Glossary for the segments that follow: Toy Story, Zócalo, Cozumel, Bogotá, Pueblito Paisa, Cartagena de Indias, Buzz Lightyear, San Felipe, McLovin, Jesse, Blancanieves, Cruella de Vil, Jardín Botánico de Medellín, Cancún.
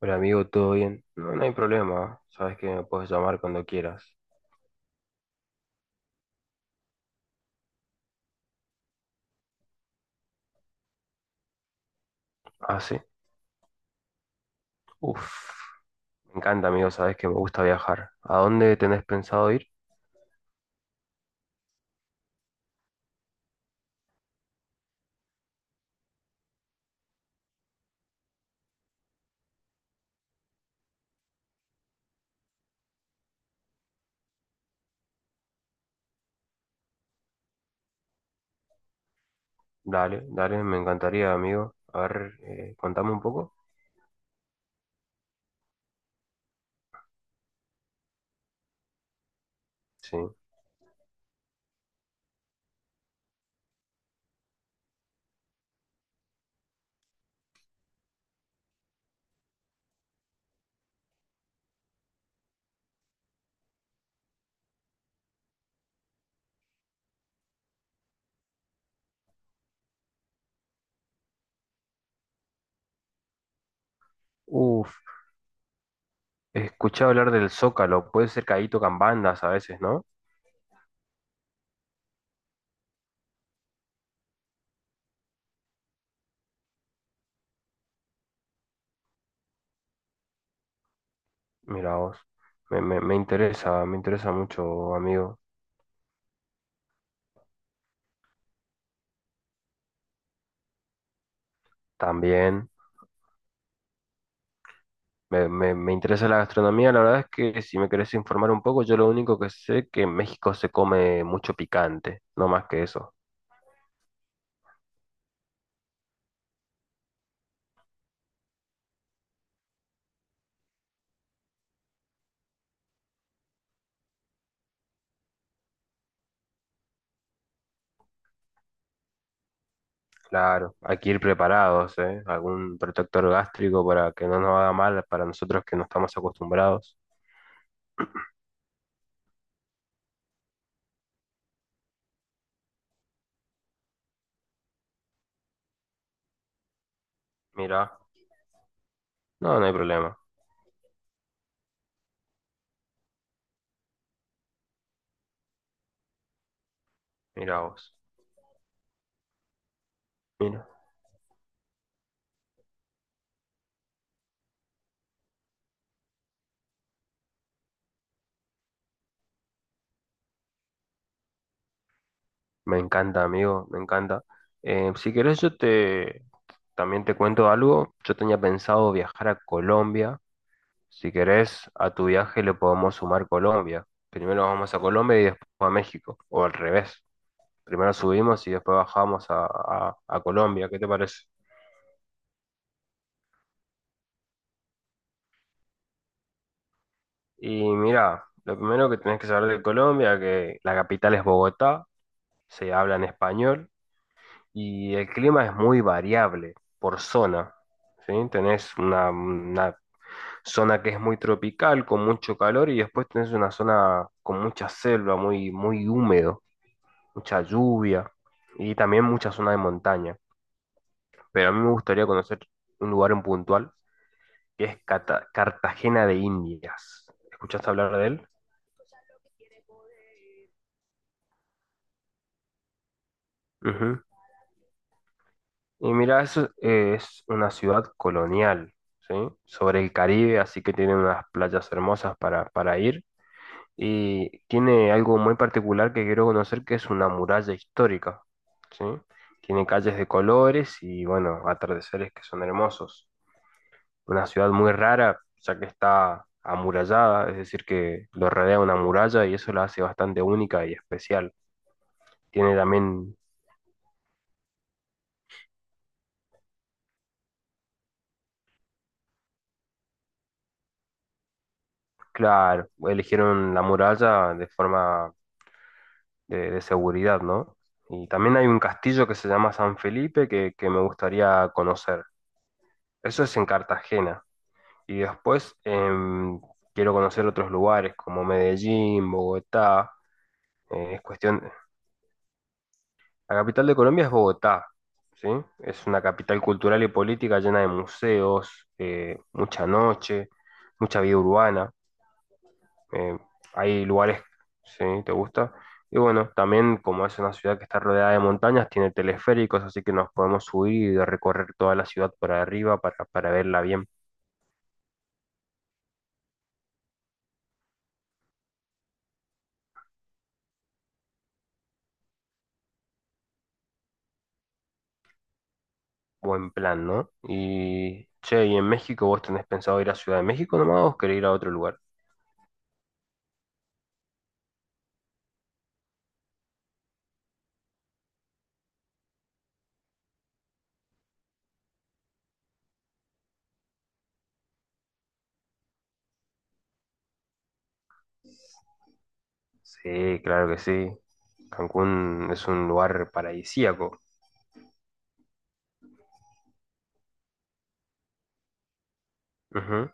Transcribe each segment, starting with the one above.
Hola amigo, ¿todo bien? No, no hay problema, sabes que me puedes llamar cuando quieras. Ah, sí. Uf, me encanta amigo, sabes que me gusta viajar. ¿A dónde tenés pensado ir? Dale, dale, me encantaría amigo. A ver, contame un poco. Sí. Uf, escuché hablar del Zócalo, puede ser que ahí tocan bandas a veces, ¿no? Mira vos, me interesa, me interesa mucho amigo. También. Me interesa la gastronomía, la verdad es que si me querés informar un poco, yo lo único que sé es que en México se come mucho picante, no más que eso. Claro, hay que ir preparados, ¿eh? Algún protector gástrico para que no nos haga mal para nosotros que no estamos acostumbrados. Mira, no, no hay problema. Mira vos. Mira, me encanta, amigo, me encanta. Si querés, yo te también te cuento algo. Yo tenía pensado viajar a Colombia. Si querés, a tu viaje le podemos sumar Colombia. Primero vamos a Colombia y después a México, o al revés. Primero subimos y después bajamos a, a Colombia, ¿qué te parece? Y mira, lo primero que tenés que saber de Colombia, que la capital es Bogotá, se habla en español y el clima es muy variable por zona. ¿Sí? Tenés una zona que es muy tropical, con mucho calor, y después tenés una zona con mucha selva, muy, muy húmedo, mucha lluvia y también mucha zona de montaña. Pero a mí me gustaría conocer un lugar en puntual que es Cartagena de Indias. ¿Escuchaste hablar de él? Ujú. Y mira, eso es una ciudad colonial, ¿sí? Sobre el Caribe, así que tiene unas playas hermosas para ir. Y tiene algo muy particular que quiero conocer, que es una muralla histórica, ¿sí? Tiene calles de colores y, bueno, atardeceres que son hermosos. Una ciudad muy rara, ya que está amurallada, es decir, que lo rodea una muralla y eso la hace bastante única y especial. Tiene también, claro, eligieron la muralla de forma de seguridad, ¿no? Y también hay un castillo que se llama San Felipe que me gustaría conocer. Eso es en Cartagena. Y después quiero conocer otros lugares como Medellín, Bogotá. Es cuestión, la capital de Colombia es Bogotá, ¿sí? Es una capital cultural y política llena de museos, mucha noche, mucha vida urbana. eh, hay lugares, ¿sí? ¿Te gusta? Y bueno, también como es una ciudad que está rodeada de montañas, tiene teleféricos, así que nos podemos subir y recorrer toda la ciudad por arriba para verla bien. Buen plan, ¿no? Y, che, ¿y en México vos tenés pensado ir a Ciudad de México nomás o querés ir a otro lugar? Sí, claro que sí. Cancún es un lugar paradisíaco. Ujú.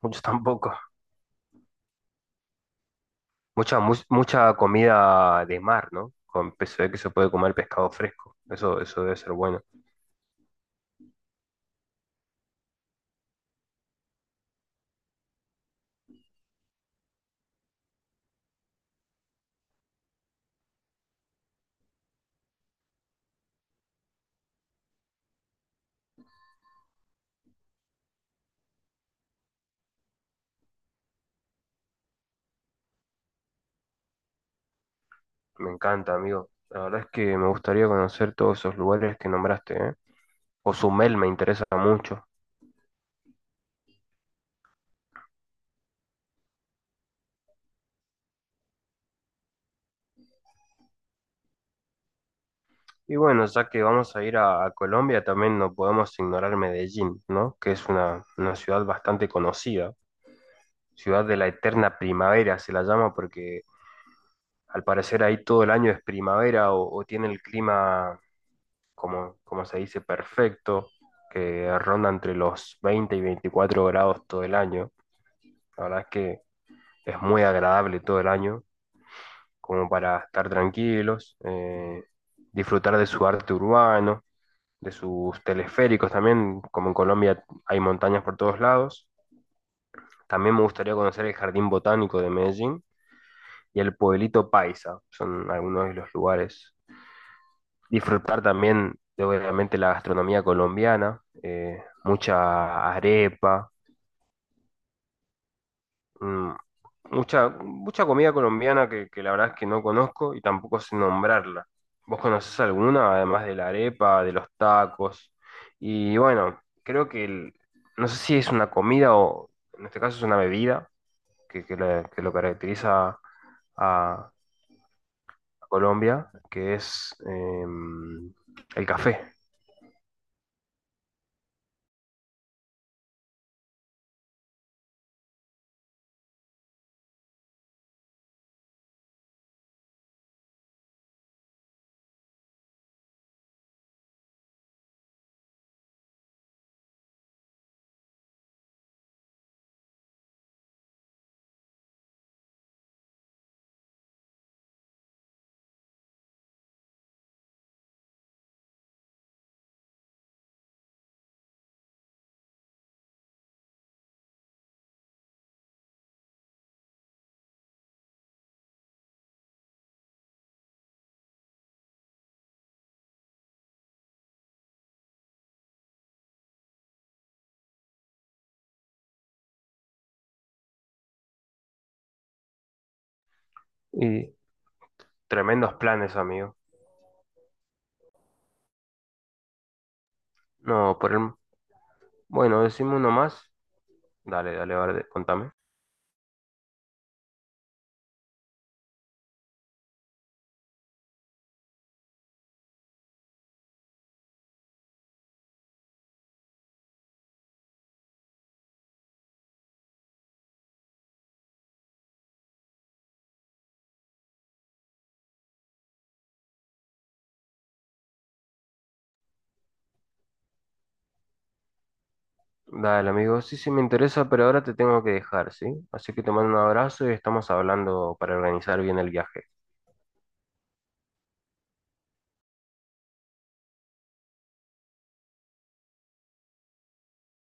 Muchos tampoco. Mucha, mucha comida de mar, ¿no? Con se ve que se puede comer pescado fresco. Eso debe ser bueno. Me encanta, amigo. La verdad es que me gustaría conocer todos esos lugares que nombraste, ¿eh? Cozumel me interesa mucho. Y bueno, ya que vamos a ir a Colombia, también no podemos ignorar Medellín, ¿no? Que es una ciudad bastante conocida. Ciudad de la eterna primavera se la llama porque al parecer ahí todo el año es primavera o tiene el clima, como, como se dice, perfecto, que ronda entre los 20 y 24 grados todo el año. La verdad es que es muy agradable todo el año, como para estar tranquilos, disfrutar de su arte urbano, de sus teleféricos también, como en Colombia hay montañas por todos lados. También me gustaría conocer el Jardín Botánico de Medellín y el Pueblito Paisa, son algunos de los lugares, disfrutar también de obviamente la gastronomía colombiana, mucha arepa, mm, mucha, mucha comida colombiana que la verdad es que no conozco y tampoco sé nombrarla. ¿Vos conocés alguna, además de la arepa, de los tacos? Y bueno, creo que no sé si es una comida o en este caso es una bebida que, que lo caracteriza a Colombia, que es el café. Y tremendos planes, amigo. No, por el... Bueno, decime uno más. Dale, dale, vale, contame. Dale, amigo. Sí, sí, me interesa, pero ahora te tengo que dejar, ¿sí? Así que te mando un abrazo y estamos hablando para organizar bien el viaje.